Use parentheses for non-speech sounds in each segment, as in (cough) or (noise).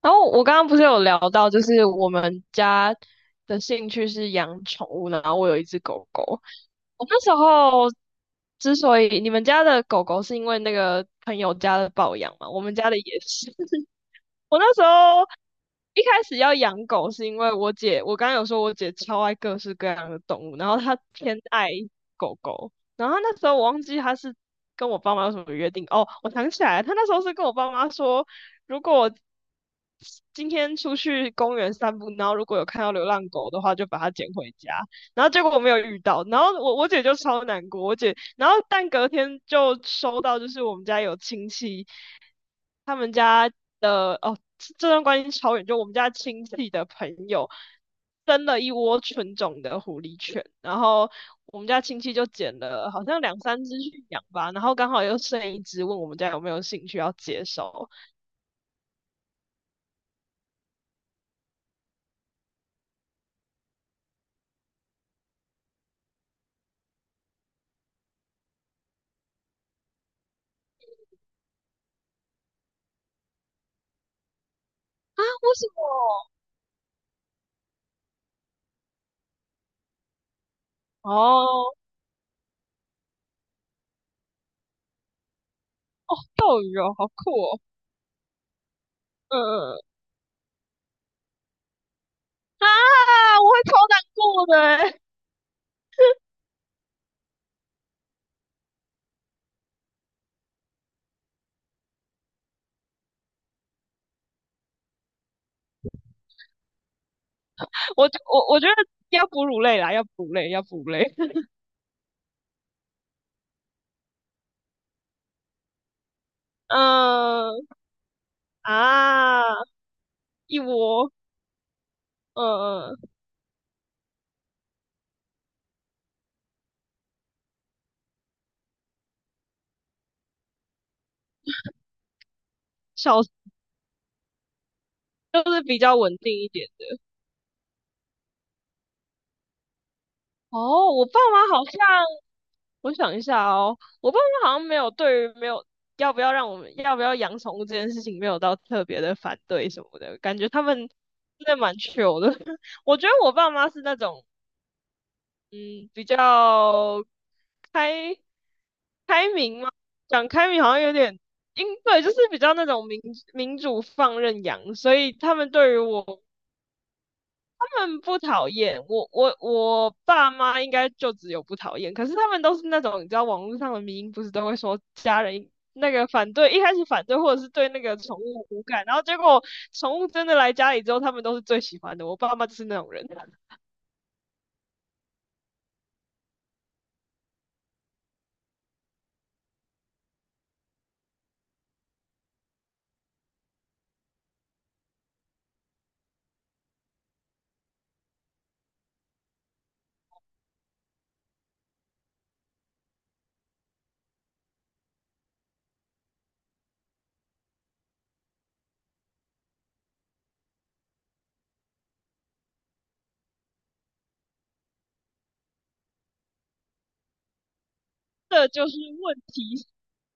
然后我刚刚不是有聊到，就是我们家的兴趣是养宠物，然后我有一只狗狗。我那时候之所以你们家的狗狗是因为那个朋友家的抱养嘛，我们家的也是。(laughs) 我那时候一开始要养狗，是因为我姐，我刚刚有说我姐超爱各式各样的动物，然后她偏爱狗狗，然后她那时候我忘记她是跟我爸妈有什么约定哦，我想起来了她那时候是跟我爸妈说。如果我今天出去公园散步，然后如果有看到流浪狗的话，就把它捡回家。然后结果我没有遇到，然后我姐就超难过，我姐，然后但隔天就收到，就是我们家有亲戚，他们家的哦，这段关系超远，就我们家亲戚的朋友生了一窝纯种的狐狸犬，然后我们家亲戚就捡了好像两三只去养吧，然后刚好又剩一只，问我们家有没有兴趣要接收。啊，为什么？哦，斗鱼哦，好酷哦。嗯嗯嗯，啊，我会超难过的欸。(laughs) 我我觉得要哺乳类啦，要哺乳类，要哺乳类。(laughs) 嗯，啊，一窝。嗯嗯，小就是比较稳定一点的。哦，我爸妈好像我想一下哦，我爸妈好像没有对于没有要不要让我们要不要养宠物这件事情没有到特别的反对什么的，感觉他们真的蛮 c 的。(laughs) 我觉得我爸妈是那种嗯比较开开明吗？讲开明好像有点，因对，就是比较那种民民主放任养，所以他们对于我他们不讨厌我，我爸妈应该就只有不讨厌，可是他们都是那种你知道网络上的迷因不是都会说家人那个反对，一开始反对或者是对那个宠物无感，然后结果宠物真的来家里之后，他们都是最喜欢的。我爸妈就是那种人。(laughs) 这就是问题，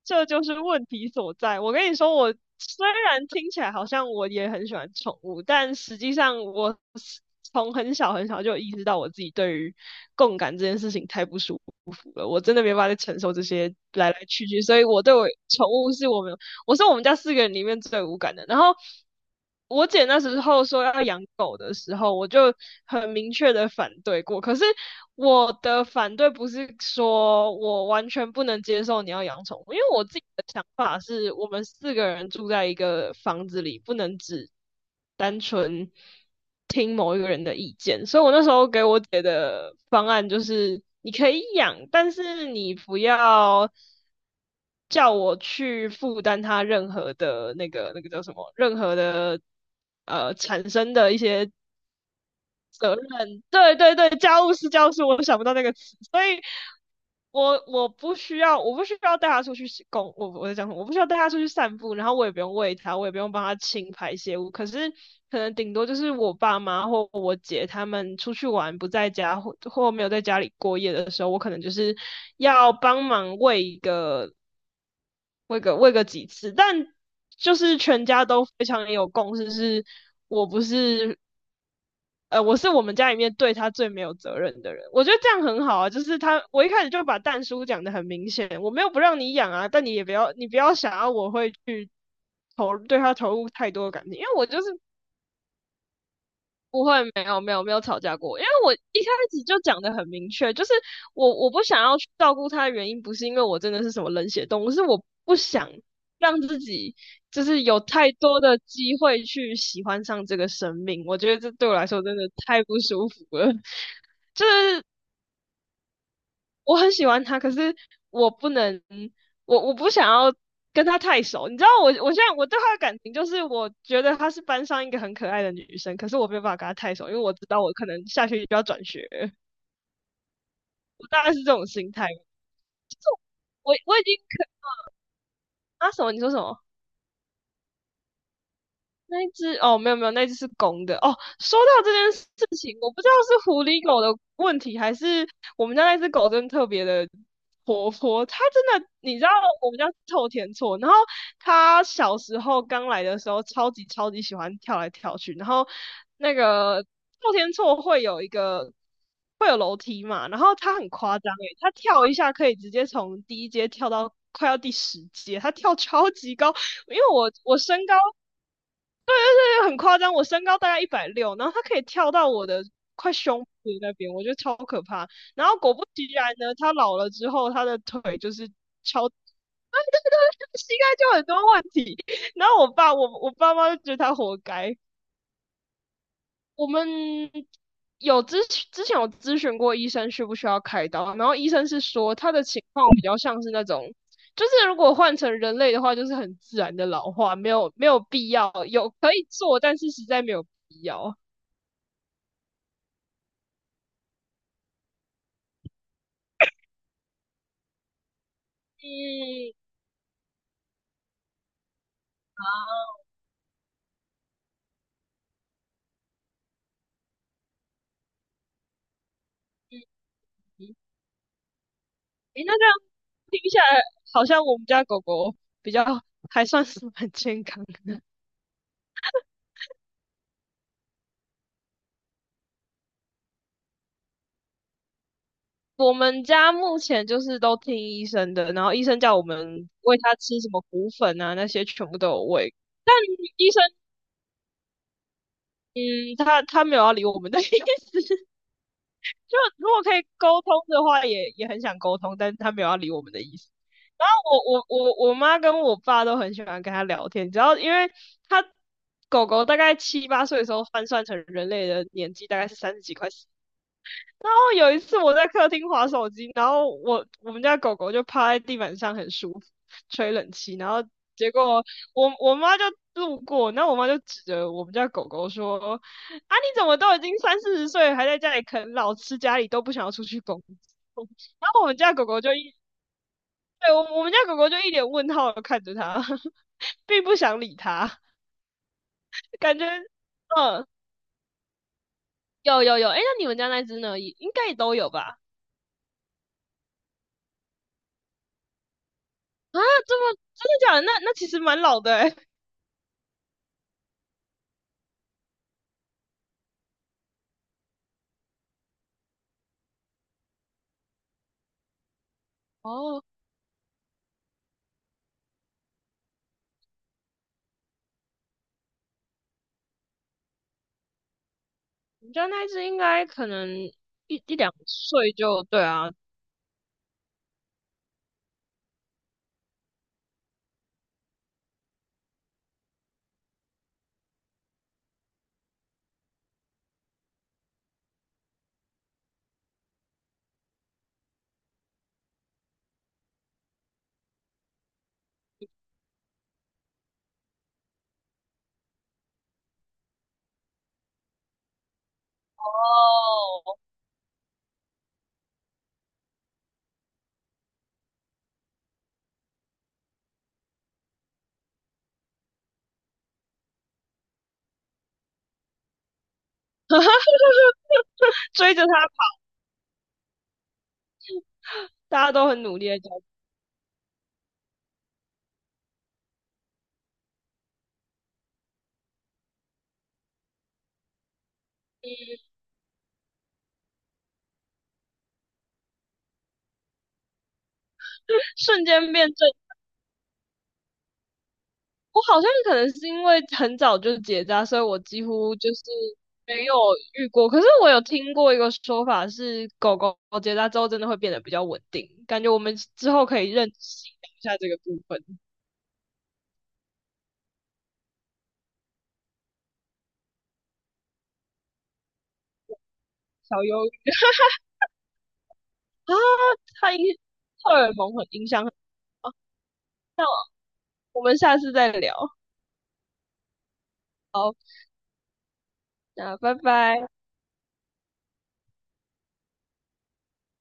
这就是问题所在。我跟你说，我虽然听起来好像我也很喜欢宠物，但实际上我是从很小很小就意识到我自己对于共感这件事情太不舒服了，我真的没办法再承受这些来来去去，所以我对我宠物是我们我是我们家四个人里面最无感的。然后我姐那时候说要养狗的时候，我就很明确的反对过。可是我的反对不是说我完全不能接受你要养宠物，因为我自己的想法是我们四个人住在一个房子里，不能只单纯听某一个人的意见。所以我那时候给我姐的方案就是，你可以养，但是你不要叫我去负担他任何的那个叫什么，任何的产生的一些呃，对对对，家务事家务事，我想不到那个词，所以我不需要带他出去洗公，我我在讲什么，我不需要带他出去散步，然后我也不用喂他，我也不用帮他清排泄物，可是可能顶多就是我爸妈或我姐他们出去玩不在家或没有在家里过夜的时候，我可能就是要帮忙喂一个。喂个喂个几次，但就是全家都非常有共识，是我不是，呃，我是我们家里面对他最没有责任的人。我觉得这样很好啊，就是他，我一开始就把蛋叔讲的很明显，我没有不让你养啊，但你也不要，你不要想要我会去投对他投入太多的感情，因为我就是不会，没有没有没有吵架过，因为我一开始就讲的很明确，就是我不想要去照顾他的原因，不是因为我真的是什么冷血动物，是我不想让自己就是有太多的机会去喜欢上这个生命，我觉得这对我来说真的太不舒服了。(laughs) 就是我很喜欢他，可是我不能，我不想要跟他太熟。你知道我，我现在我对他的感情就是，我觉得她是班上一个很可爱的女生，可是我没有办法跟她太熟，因为我知道我可能下学期就要转学，我大概是这种心态。就是我我已经可啊什么？你说什么？那一只哦，没有没有，那一只是公的哦。说到这件事情，我不知道是狐狸狗的问题，还是我们家那只狗真的特别的活泼。它真的，你知道我们家是臭田厝，然后它小时候刚来的时候，超级超级喜欢跳来跳去。然后那个臭天厝会有一个会有楼梯嘛，然后它很夸张诶，它跳一下可以直接从第1阶跳到快要第10阶，它跳超级高。因为我身高就很夸张，我身高大概160，然后他可以跳到我的快胸部那边，我觉得超可怕。然后果不其然呢，他老了之后，他的腿就是超，(laughs) 对对对，膝盖就很多问题。然后我爸，我爸妈就觉得他活该，我们有咨询之前有咨询过医生需不需要开刀，然后医生是说他的情况比较像是那种，就是如果换成人类的话，就是很自然的老化，没有没有必要，有可以做，但是实在没有必要。嗯，啊，嗯，诶，那这样听起来好像我们家狗狗比较 (laughs) 还算是蛮健康的。我们家目前就是都听医生的，然后医生叫我们喂它吃什么骨粉啊，那些全部都有喂。但医生，嗯，他没有要理我们的 (laughs) 意思。(laughs) 就如果可以沟通的话也，也很想沟通，但是他没有要理我们的意思。我妈跟我爸都很喜欢跟他聊天，只要因为他狗狗大概7、8岁的时候换算成人类的年纪大概是30几快四，有一次我在客厅划手机，然后我我们家狗狗就趴在地板上很舒服，吹冷气，然后结果我妈就路过，那我妈就指着我们家狗狗说：“啊，你怎么都已经3、40岁了，还在家里啃老，吃家里都不想要出去工作？”然后我们家狗狗就一，对，我我们家狗狗就一脸问号的看着他，(laughs) 并不想理他，感觉嗯，有有有，哎，那你们家那只呢？也应该也都有吧？啊，这么真的假的？那那其实蛮老的哎、哦，我们家那只应该可能一两岁就对啊，哦。(laughs) 追着它跑，大家都很努力的追，瞬间变正。我好像可能是因为很早就结扎，所以我几乎就是没有遇过。可是我有听过一个说法是，狗狗结扎之后真的会变得比较稳定，感觉我们之后可以认识一下这个部分。小忧郁 (laughs) 啊，它影荷尔蒙很影响很大，我们下次再聊。好，那拜拜。